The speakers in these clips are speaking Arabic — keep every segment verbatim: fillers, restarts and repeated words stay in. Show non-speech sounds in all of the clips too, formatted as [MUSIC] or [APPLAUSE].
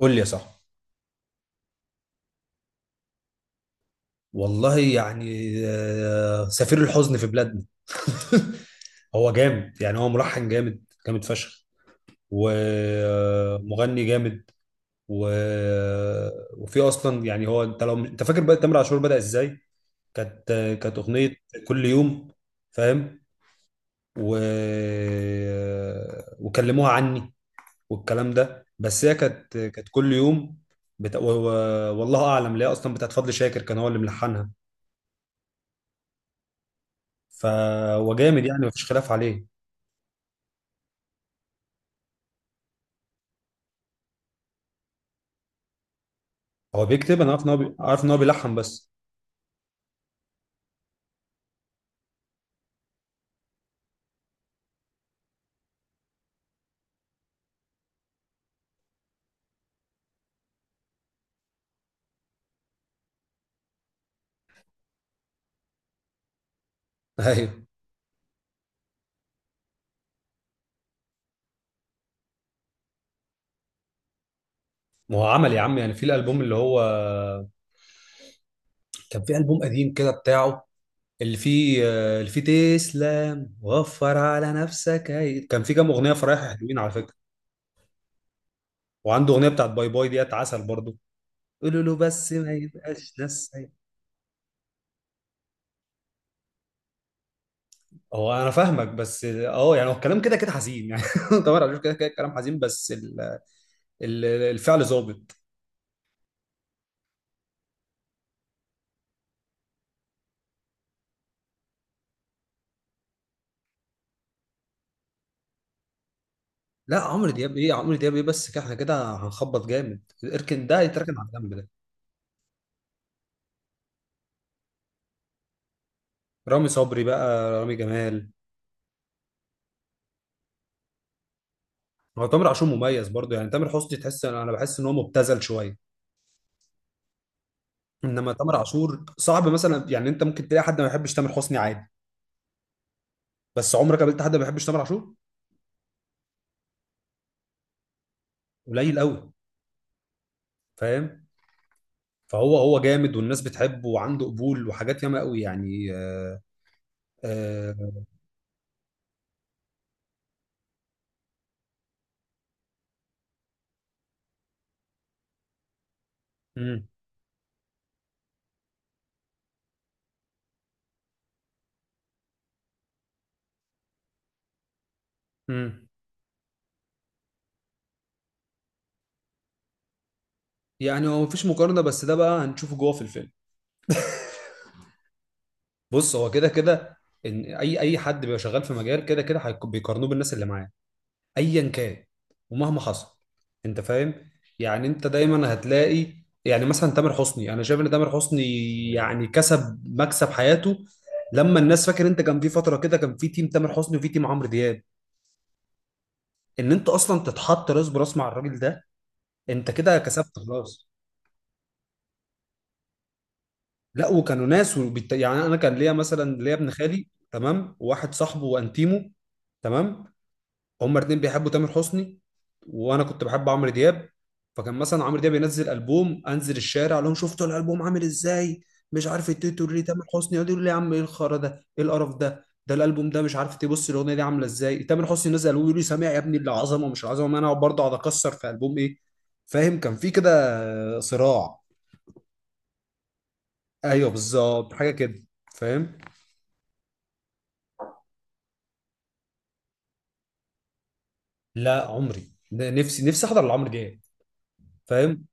قول لي يا صاحبي. والله يعني آه، سفير الحزن في بلادنا. [LAUGHS] هو جامد يعني هو ملحن جامد جامد فشخ، ومغني جامد و... وفي اصلا يعني هو انت لو انت فاكر بقى تامر عاشور بدأ ازاي. كانت كانت اغنية كل يوم، فاهم؟ و... وكلموها عني والكلام ده، بس هي كانت كانت كل يوم بت... و... و- والله اعلم ليه اصلا، بتاعت فضل شاكر كان هو اللي ملحنها. ف هو جامد يعني مفيش خلاف عليه. هو بيكتب، انا عارف ان هو بي... عارف ان هو بيلحن بس. [LAUGHS] ايوه، ما هو عمل يا عم، يعني في الالبوم اللي هو كان في البوم قديم كده بتاعه، اللي فيه اللي فيه تسلم وفر على نفسك، هي كان في كام اغنيه فرايح حلوين على فكره. وعنده اغنيه بتاعت باي باي ديت عسل برضه، قولوا له بس ما يبقاش نسي. هو انا فاهمك بس اه، يعني هو الكلام كده كده حزين يعني. [LAUGHS] طبعا أنا بشوف كده كده الكلام حزين، بس ال... ال- الفعل ظابط. لا عمرو دياب ايه، عمرو دياب ايه، بس كده احنا كده هنخبط جامد، اركن ده يتركن على جنب ده. رامي صبري بقى، رامي جمال. هو تامر عاشور مميز برضه يعني، تامر حسني تحس، انا بحس ان هو مبتذل شويه. انما تامر عاشور صعب مثلا، يعني انت ممكن تلاقي حد ما بيحبش تامر حسني عادي، بس عمرك قابلت حد ما بيحبش تامر عاشور؟ قليل قوي، فاهم؟ فهو هو جامد والناس بتحبه وعنده قبول وحاجات ياما قوي، يعني آه، آه. مم، مم. يعني هو مفيش مقارنه، بس ده بقى هنشوفه جوه في الفيلم. بص، هو كده كده ان اي اي حد بيبقى شغال في مجال كده كده هيك- بيقارنوه بالناس اللي معاه، ايا كان ومهما حصل. انت فاهم، يعني انت دايما هتلاقي، يعني مثلا تامر حسني، انا شايف ان تامر حسني يعني كسب مكسب حياته لما الناس، فاكر انت كان في فتره كده كان في تيم تامر حسني وفي تيم عمرو دياب، ان انت اصلا تتحط راس براس مع الراجل ده، انت كده كسبت خلاص. لا وكانوا ناس وبت... يعني انا كان ليا مثلا، ليا ابن خالي تمام وواحد صاحبه وانتيمو، تمام؟ هما الاتنين بيحبوا تامر حسني وانا كنت بحب عمرو دياب. فكان مثلا عمرو دياب ينزل البوم، انزل الشارع اقول لهم شفتوا الالبوم عامل ازاي، مش عارف التيتو ليه. تامر حسني يقعدوا يقولوا لي يا عم ايه الخرا ده، ايه القرف ده، ده الالبوم ده مش عارف، تبص الاغنيه دي عامله ازاي. تامر حسني نزل البوم يقول لي سامع يا ابني العظمه، مش العظمه، ما انا اقعد برضه اقعد اكسر في البوم ايه. فاهم؟ كان في كده صراع. ايوه بالظبط، حاجه كده، فاهم؟ لا عمري، ده نفسي نفسي احضر لعمرو دياب، فاهم؟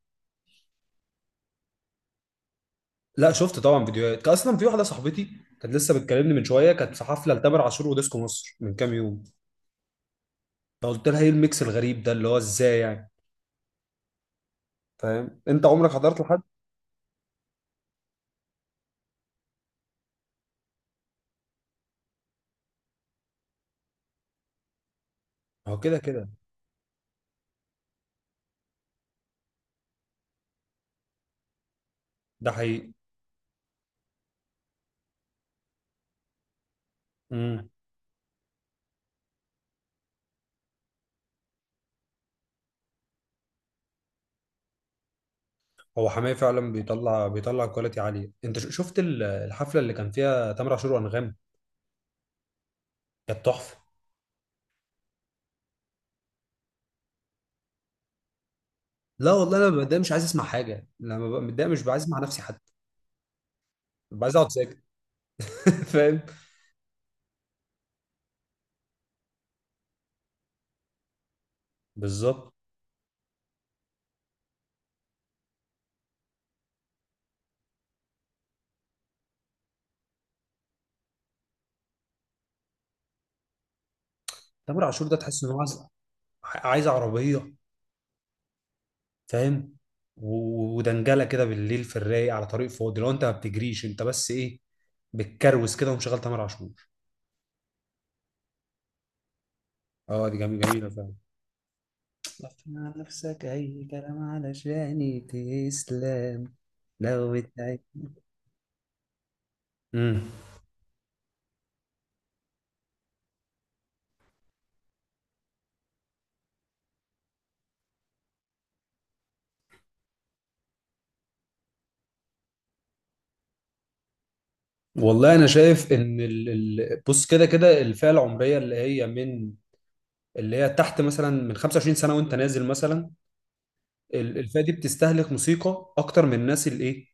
لا شفت طبعا فيديوهات. كان اصلا في واحده صاحبتي كانت لسه بتكلمني من شويه، كانت في حفله لتامر عاشور وديسكو مصر من كام يوم. فقلت لها ايه الميكس الغريب ده، اللي هو ازاي يعني. فاهم؟ انت عمرك حضرت لحد؟ هو كده كده. ده حقيقي. امم. هو حماية فعلا بيطلع، بيطلع كواليتي عاليه. انت ش- شفت ال- الحفله اللي كان فيها تامر عاشور وانغام؟ كانت تحفه. لا والله، انا ببقى متضايق مش عايز اسمع حاجه. لما ببقى متضايق مش عايز اسمع نفسي حتى، ببقى عايز اقعد ساكت. [LAUGHS] فاهم؟ بالظبط. تامر عاشور ده تحس ان هو عايز، عايز عربيه، فاهم؟ و- ودنجله كده بالليل في الرايق، على طريق فاضي، لو انت ما بتجريش انت، بس ايه، بتكروس كده ومشغل تامر عاشور. اه دي جميله، جميله فعلا. طف مع نفسك أي كلام، علشان تسلم لو اتعبت. امم، والله انا شايف ان ال... ال... بص كده كده الفئه العمريه اللي هي من اللي هي تحت مثلا، من خمسة وعشرين سنه وانت نازل مثلا، ال- الفئه دي بتستهلك موسيقى اكتر من الناس الايه،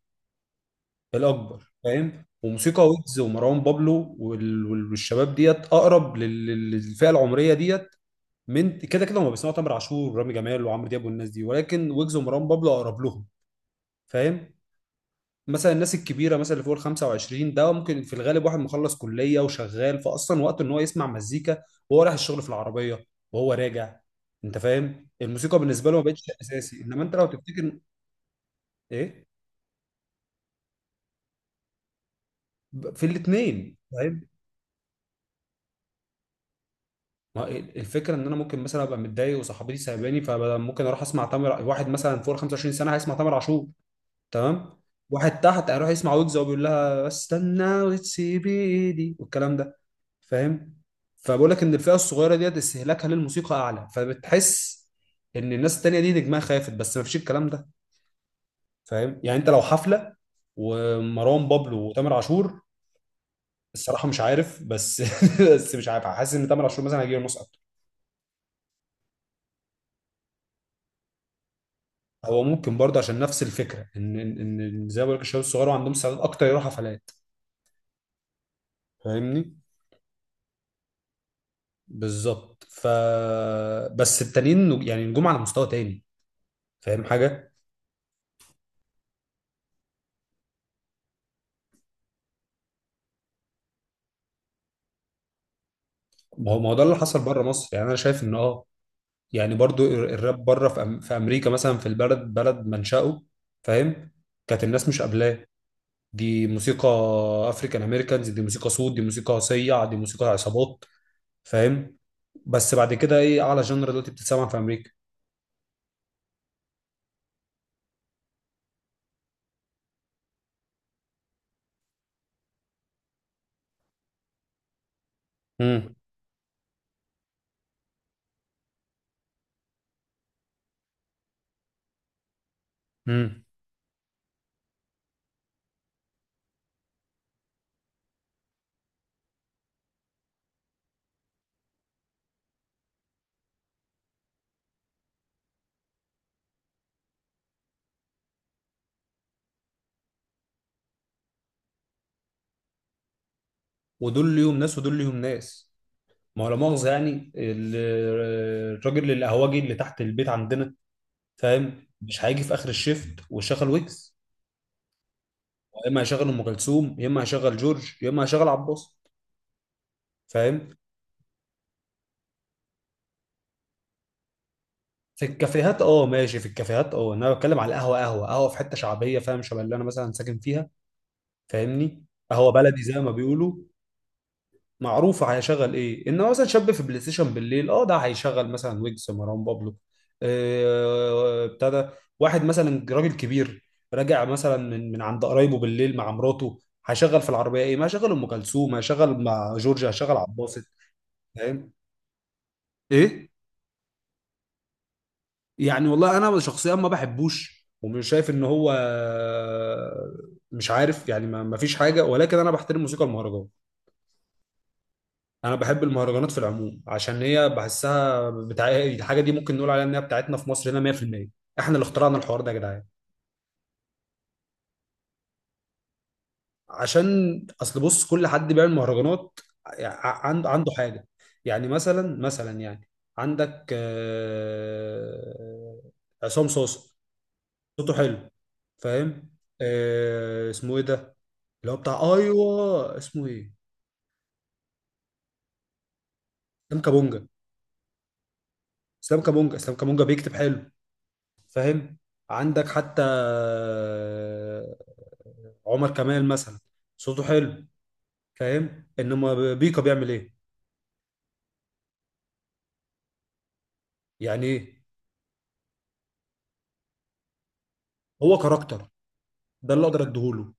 الاكبر، فاهم؟ وموسيقى ويجز ومروان بابلو وال- وال- والشباب ديت اقرب لل- لل- للفئه العمريه ديت من كده كده. هم بيسمعوا تامر عاشور ورامي جمال وعمرو دياب والناس دي، ولكن ويجز ومروان بابلو اقرب لهم، فاهم؟ مثلا الناس الكبيره مثلا اللي فوق ال خمسة وعشرين ده، ممكن في الغالب واحد مخلص كليه وشغال، فاصلا وقته ان هو يسمع مزيكا وهو رايح الشغل في العربيه وهو راجع، انت فاهم؟ الموسيقى بالنسبه له ما بقتش شيء اساسي، انما انت لو تفتكر، ايه، ب- في الاثنين. ما الفكره ان انا ممكن مثلا ابقى متضايق وصاحبتي سايباني، فممكن اروح اسمع تامر. واحد مثلا فوق ال خمسة وعشرين سنه هيسمع تامر عاشور، تمام، واحد تحت هيروح يسمع ويجز وبيقول لها استنى وتسيب ايدي والكلام ده، فاهم؟ فبقول لك ان الفئه الصغيره ديت استهلاكها للموسيقى اعلى، فبتحس ان الناس التانيه دي نجمها خافت، بس ما فيش الكلام ده، فاهم؟ يعني انت لو حفله ومروان بابلو وتامر عاشور، الصراحه مش عارف، بس [LAUGHS] بس مش عارف، حاسس ان تامر عاشور مثلا هيجي له نص. هو ممكن برضه عشان نفس الفكره ان ان إن- إن زي ما بقول لك الشباب الصغار عندهم استعداد اكتر يروحوا حفلات، فاهمني؟ بالظبط ف بس التانيين يعني جم على مستوى تاني، فاهم حاجه؟ ما هو ما هو ده اللي حصل بره مصر يعني، انا شايف ان اه يعني برضه الر- الراب بره في, أم... في امريكا مثلا، في البلد، بلد منشأه، فاهم؟ كانت الناس مش قابلاه. دي موسيقى افريكان امريكانز، دي موسيقى سود، دي موسيقى صيع، دي موسيقى عصابات، فاهم؟ بس بعد كده ايه اعلى جنر دلوقتي بتتسمع في امريكا؟ امم. ودول ليهم ناس ودول ليهم ناس. ما هو لا مؤاخذة يعني، ال- الراجل القهوجي اللي تحت البيت عندنا، فاهم، مش هيجي في اخر الشيفت ويشغل ويجز. يا اما هيشغل ام كلثوم، يا اما هيشغل جورج، يا اما هيشغل عباس، فاهم؟ في الكافيهات اه ماشي. في الكافيهات اه، انا بتكلم على القهوه، قهوه قهوه في حته شعبيه، فاهم؟ شبه اللي انا مثلا ساكن فيها، فاهمني؟ قهوه بلدي زي ما بيقولوا، معروفه هيشغل ايه. انما مثلا شاب في بلاي ستيشن بالليل، اه ده هيشغل مثلا ويجز، مروان بابلو، آه، ابتدى. واحد مثلا راجل كبير راجع مثلا من من عند قرايبه بالليل مع مراته، هيشغل في العربيه ايه؟ ما هيشغل ام كلثوم، هيشغل مع جورجيا، هيشغل عبد الباسط، فاهم؟ ايه؟ يعني والله انا شخصيا ما بحبوش، ومش شايف ان هو، مش عارف يعني، ما ما فيش حاجه، ولكن انا بحترم موسيقى المهرجان. انا بحب المهرجانات في العموم، عشان هي بحسها بتاع الحاجه دي، ممكن نقول عليها ان هي بتاعتنا في مصر هنا مية في المية. احنا اللي اخترعنا الحوار ده يا جدعان. عشان اصل بص، كل حد بيعمل مهرجانات ع- عنده عنده حاجه، يعني مثلا، مثلا يعني عندك آه، عصام صوصه، صوته حلو، فاهم؟ آه، اسمه ايه ده، اللي هو بتاع، ايوه اسمه ايه، اسلام كابونجا. اسلام كابونجا اسلام كابونجا بيكتب حلو، فاهم؟ عندك حتى آه، عمر كمال مثلا، صوته حلو، فاهم؟ انما بيكا بيعمل ايه يعني؟ ايه، هو كاركتر، ده اللي اقدر اديهوله.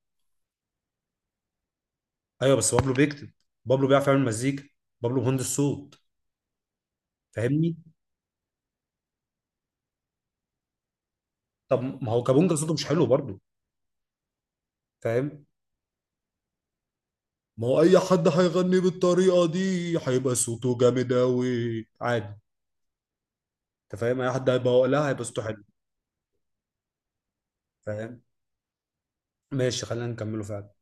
ايوه بس بابلو بيكتب، بابلو بيعرف يعمل مزيكا، بابلو مهندس صوت، فاهمني؟ طب ما هو كابونجا صوته مش حلو برضه، فاهم؟ ما هو اي حد هيغني بالطريقه دي هيبقى صوته جامد قوي، عادي. انت فاهم، اي حد هيبقى وقلها هيبقى صوته حلو، فاهم؟ ماشي، خلينا نكمله فعلا.